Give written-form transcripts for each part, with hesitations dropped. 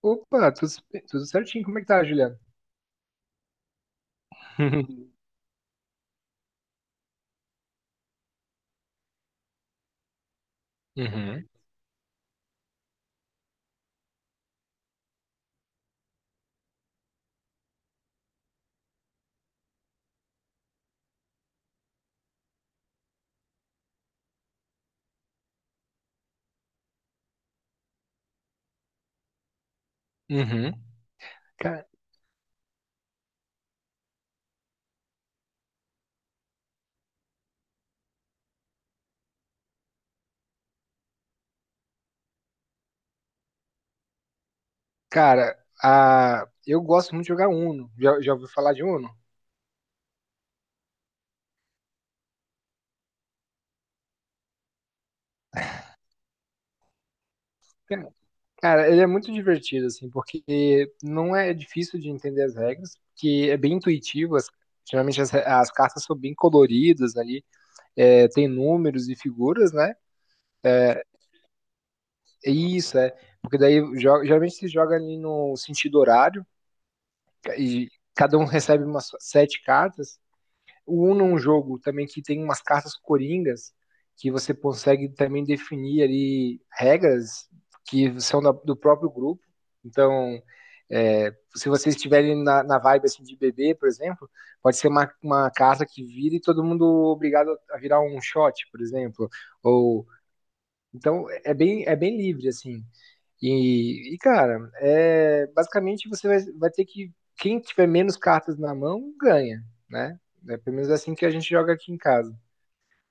Opa, tudo, tudo certinho. Como é que tá, Juliano? Uhum, uhum. Ca- Cara, eu gosto muito de jogar Uno. Já ouviu falar de Uno? Cara, cara, ele é muito divertido, assim, porque não é difícil de entender as regras, que é bem intuitivo. Geralmente as cartas são bem coloridas ali, tem números e figuras, né? É, é isso, é. Porque daí geralmente se joga ali no sentido horário e cada um recebe umas sete cartas. O Uno é um jogo também que tem umas cartas coringas que você consegue também definir ali regras que são do próprio grupo. Então, se vocês estiverem na vibe assim, de bebê, por exemplo, pode ser uma carta que vira e todo mundo obrigado a virar um shot, por exemplo. Ou então é bem livre assim. E, cara, basicamente você vai ter que. Quem tiver menos cartas na mão, ganha, né? É pelo menos assim que a gente joga aqui em casa.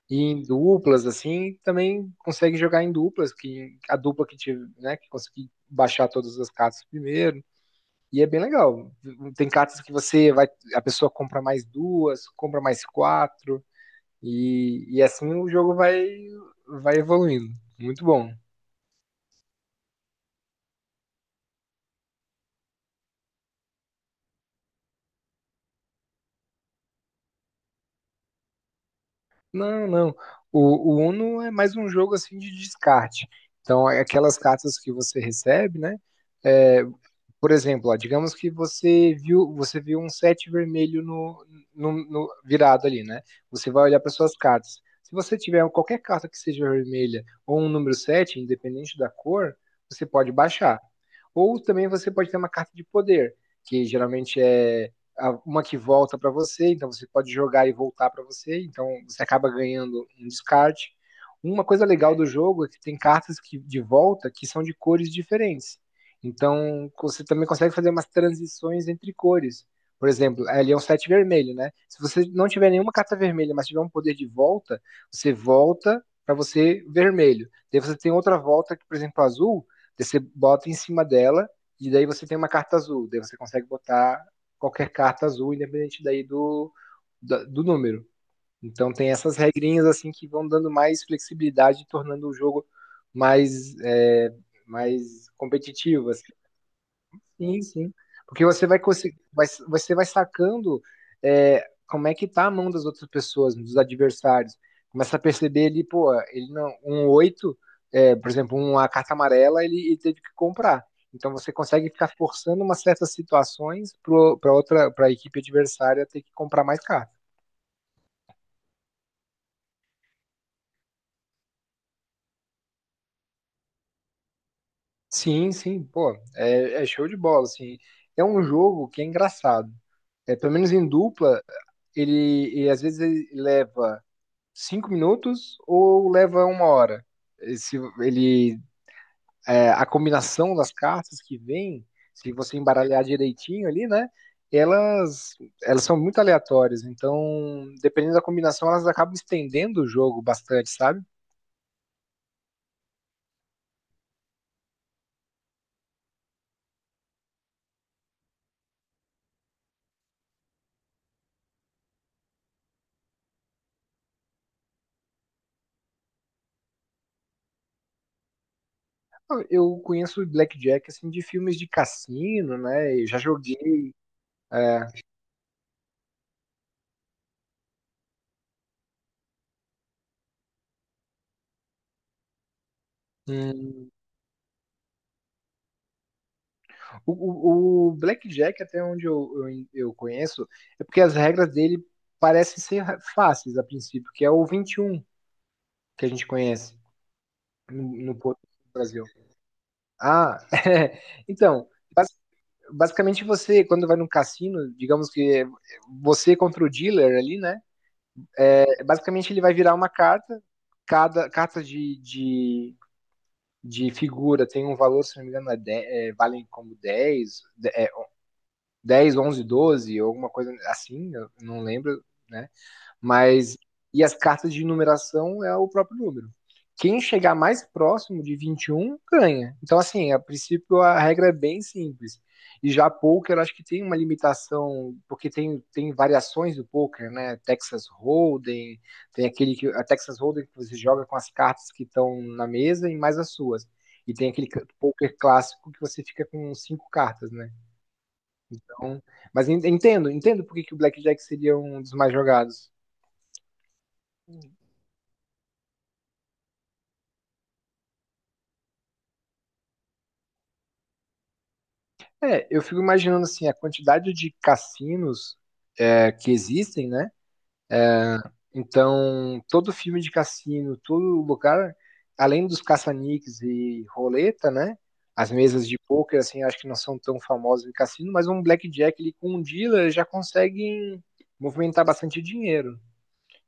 E em duplas, assim, também consegue jogar em duplas, que a dupla que tive, né, que conseguir baixar todas as cartas primeiro. E é bem legal. Tem cartas que você vai. A pessoa compra mais duas, compra mais quatro. E, assim o jogo vai evoluindo. Muito bom. Não, não. O Uno é mais um jogo assim de descarte. Então, é aquelas cartas que você recebe, né? É, por exemplo, ó, digamos que você viu um sete vermelho virado ali, né? Você vai olhar para suas cartas. Se você tiver qualquer carta que seja vermelha ou um número 7, independente da cor, você pode baixar. Ou também você pode ter uma carta de poder, que geralmente é uma que volta para você, então você pode jogar e voltar para você, então você acaba ganhando um descarte. Uma coisa legal do jogo é que tem cartas que, de volta que são de cores diferentes. Então, você também consegue fazer umas transições entre cores. Por exemplo, ali é um 7 vermelho, né? Se você não tiver nenhuma carta vermelha, mas tiver um poder de volta, você volta para você vermelho. Daí você tem outra volta que, por exemplo, azul, daí você bota em cima dela e daí você tem uma carta azul. Daí você consegue botar qualquer carta azul, independente daí do número. Então tem essas regrinhas assim que vão dando mais flexibilidade, tornando o jogo mais, é, mais competitivo, assim. Sim, sim. Porque você vai conseguir, vai, você vai sacando como é que tá a mão das outras pessoas, dos adversários. Começa a perceber ali, pô, ele não, um 8 é, por exemplo, uma carta amarela, ele teve que comprar. Então você consegue ficar forçando umas certas situações para outra, para a equipe adversária ter que comprar mais carta. Sim, sim, pô, é show de bola, assim. É um jogo que é engraçado. É, pelo menos em dupla, ele às vezes ele leva 5 minutos ou leva uma hora? Se ele, é, A combinação das cartas que vem, se você embaralhar direitinho ali, né? Elas, elas são muito aleatórias, então, dependendo da combinação, elas acabam estendendo o jogo bastante, sabe? Eu conheço Blackjack assim de filmes de cassino, né? Eu já joguei. é, hum, o Blackjack, até onde eu conheço, é porque as regras dele parecem ser fáceis a princípio, que é o 21 que a gente conhece no Porto do Brasil. Ah, então, bas- basicamente você, quando vai num cassino, digamos que é você contra o dealer ali, né? É, basicamente ele vai virar uma carta, cada carta de figura tem um valor, se não me engano, valem como 10. 10, 11, 12, alguma coisa assim, eu não lembro, né? Mas e as cartas de numeração é o próprio número. Quem chegar mais próximo de 21 ganha. Então, assim, a princípio a regra é bem simples. E já poker, acho que tem uma limitação, porque tem variações do pôquer, né? Texas Hold'em, tem aquele que a Texas Hold'em que você joga com as cartas que estão na mesa e mais as suas. E tem aquele pôquer clássico que você fica com cinco cartas, né? Então, mas entendo por que que o Blackjack seria um dos mais jogados. É, eu fico imaginando assim, a quantidade de cassinos que existem, né? Então, todo filme de cassino, todo lugar, além dos caça-níqueis e roleta, né? As mesas de poker, assim, acho que não são tão famosas em cassino, mas um blackjack ali com um dealer já consegue movimentar bastante dinheiro.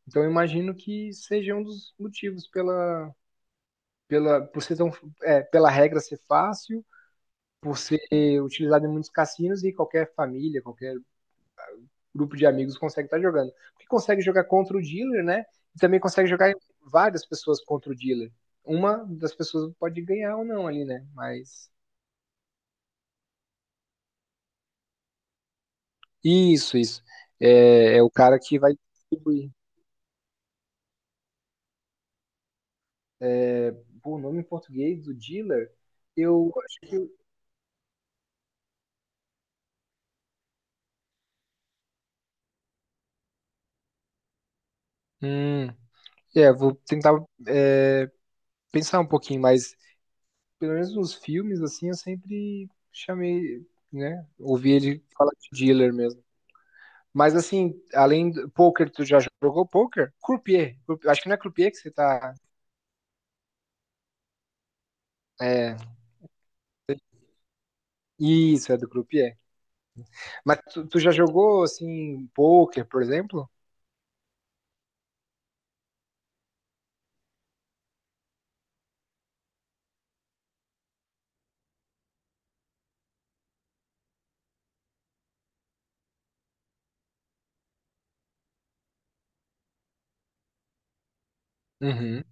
Então, eu imagino que seja um dos motivos por ser tão, pela regra ser fácil por ser utilizado em muitos cassinos e qualquer família, qualquer grupo de amigos consegue estar jogando. Porque consegue jogar contra o dealer, né? E também consegue jogar várias pessoas contra o dealer. Uma das pessoas pode ganhar ou não ali, né? Mas. Isso, isso. É, é o cara que vai distribuir. Pô, o nome em português do dealer, eu acho que. Hum, Vou tentar é, pensar um pouquinho, mas pelo menos nos filmes, assim, eu sempre chamei, né? Ouvi ele falar de dealer mesmo. Mas assim, além do poker, tu já jogou poker? Croupier. Acho que não é croupier que você tá. É... Isso, é do croupier. Mas tu já jogou assim poker, por exemplo? Uhum.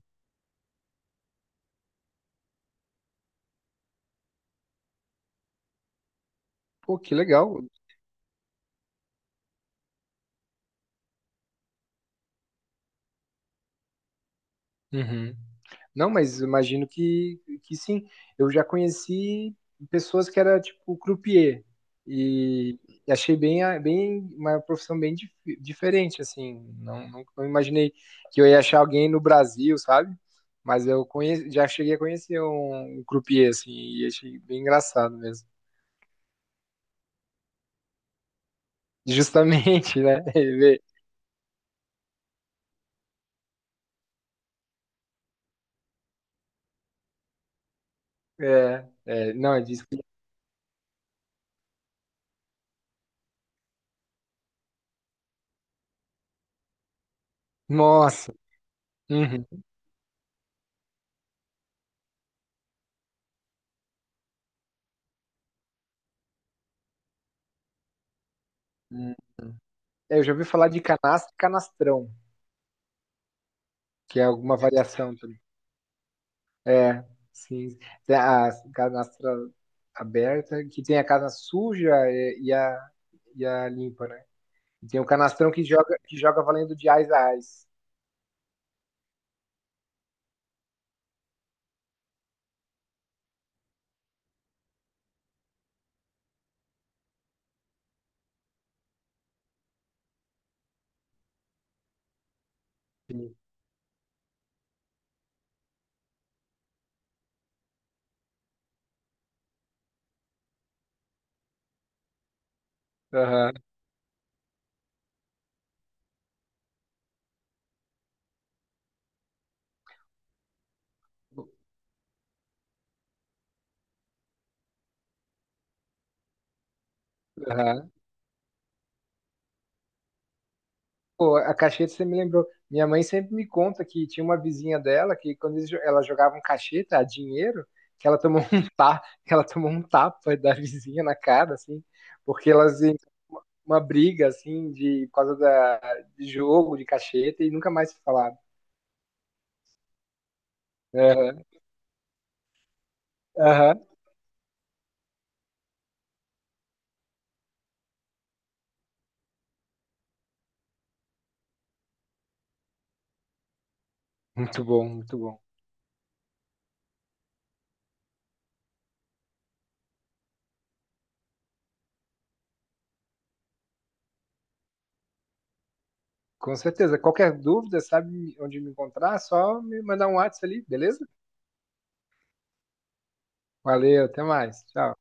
Pô, que legal. Uhum. Não, mas imagino que sim. Eu já conheci pessoas que era tipo croupier e achei bem, bem uma profissão bem diferente assim. Não, não, não imaginei que eu ia achar alguém no Brasil, sabe? Mas eu conhe já cheguei a conhecer um croupier assim e achei bem engraçado mesmo. Justamente, né? É, não, ele disse que... Nossa. Uhum. Eu já ouvi falar de canastra e canastrão, que é alguma variação também. É, sim. Tem a canastra aberta, que tem a casa suja e a limpa, né? E tem o canastrão que joga valendo de ais a ais. Sim. Aham, aham. Pô, a cacheta você me lembrou. Minha mãe sempre me conta que tinha uma vizinha dela que quando ela jogava um cacheta, a dinheiro, que ela tomou um tapa, ela tomou um tapa da vizinha na cara, assim, porque uma briga assim de por causa da de jogo de cacheta e nunca mais se falaram. Aham, aham. Muito bom, muito bom. Com certeza. Qualquer dúvida, sabe onde me encontrar? Só me mandar um WhatsApp ali, beleza? Valeu, até mais. Tchau.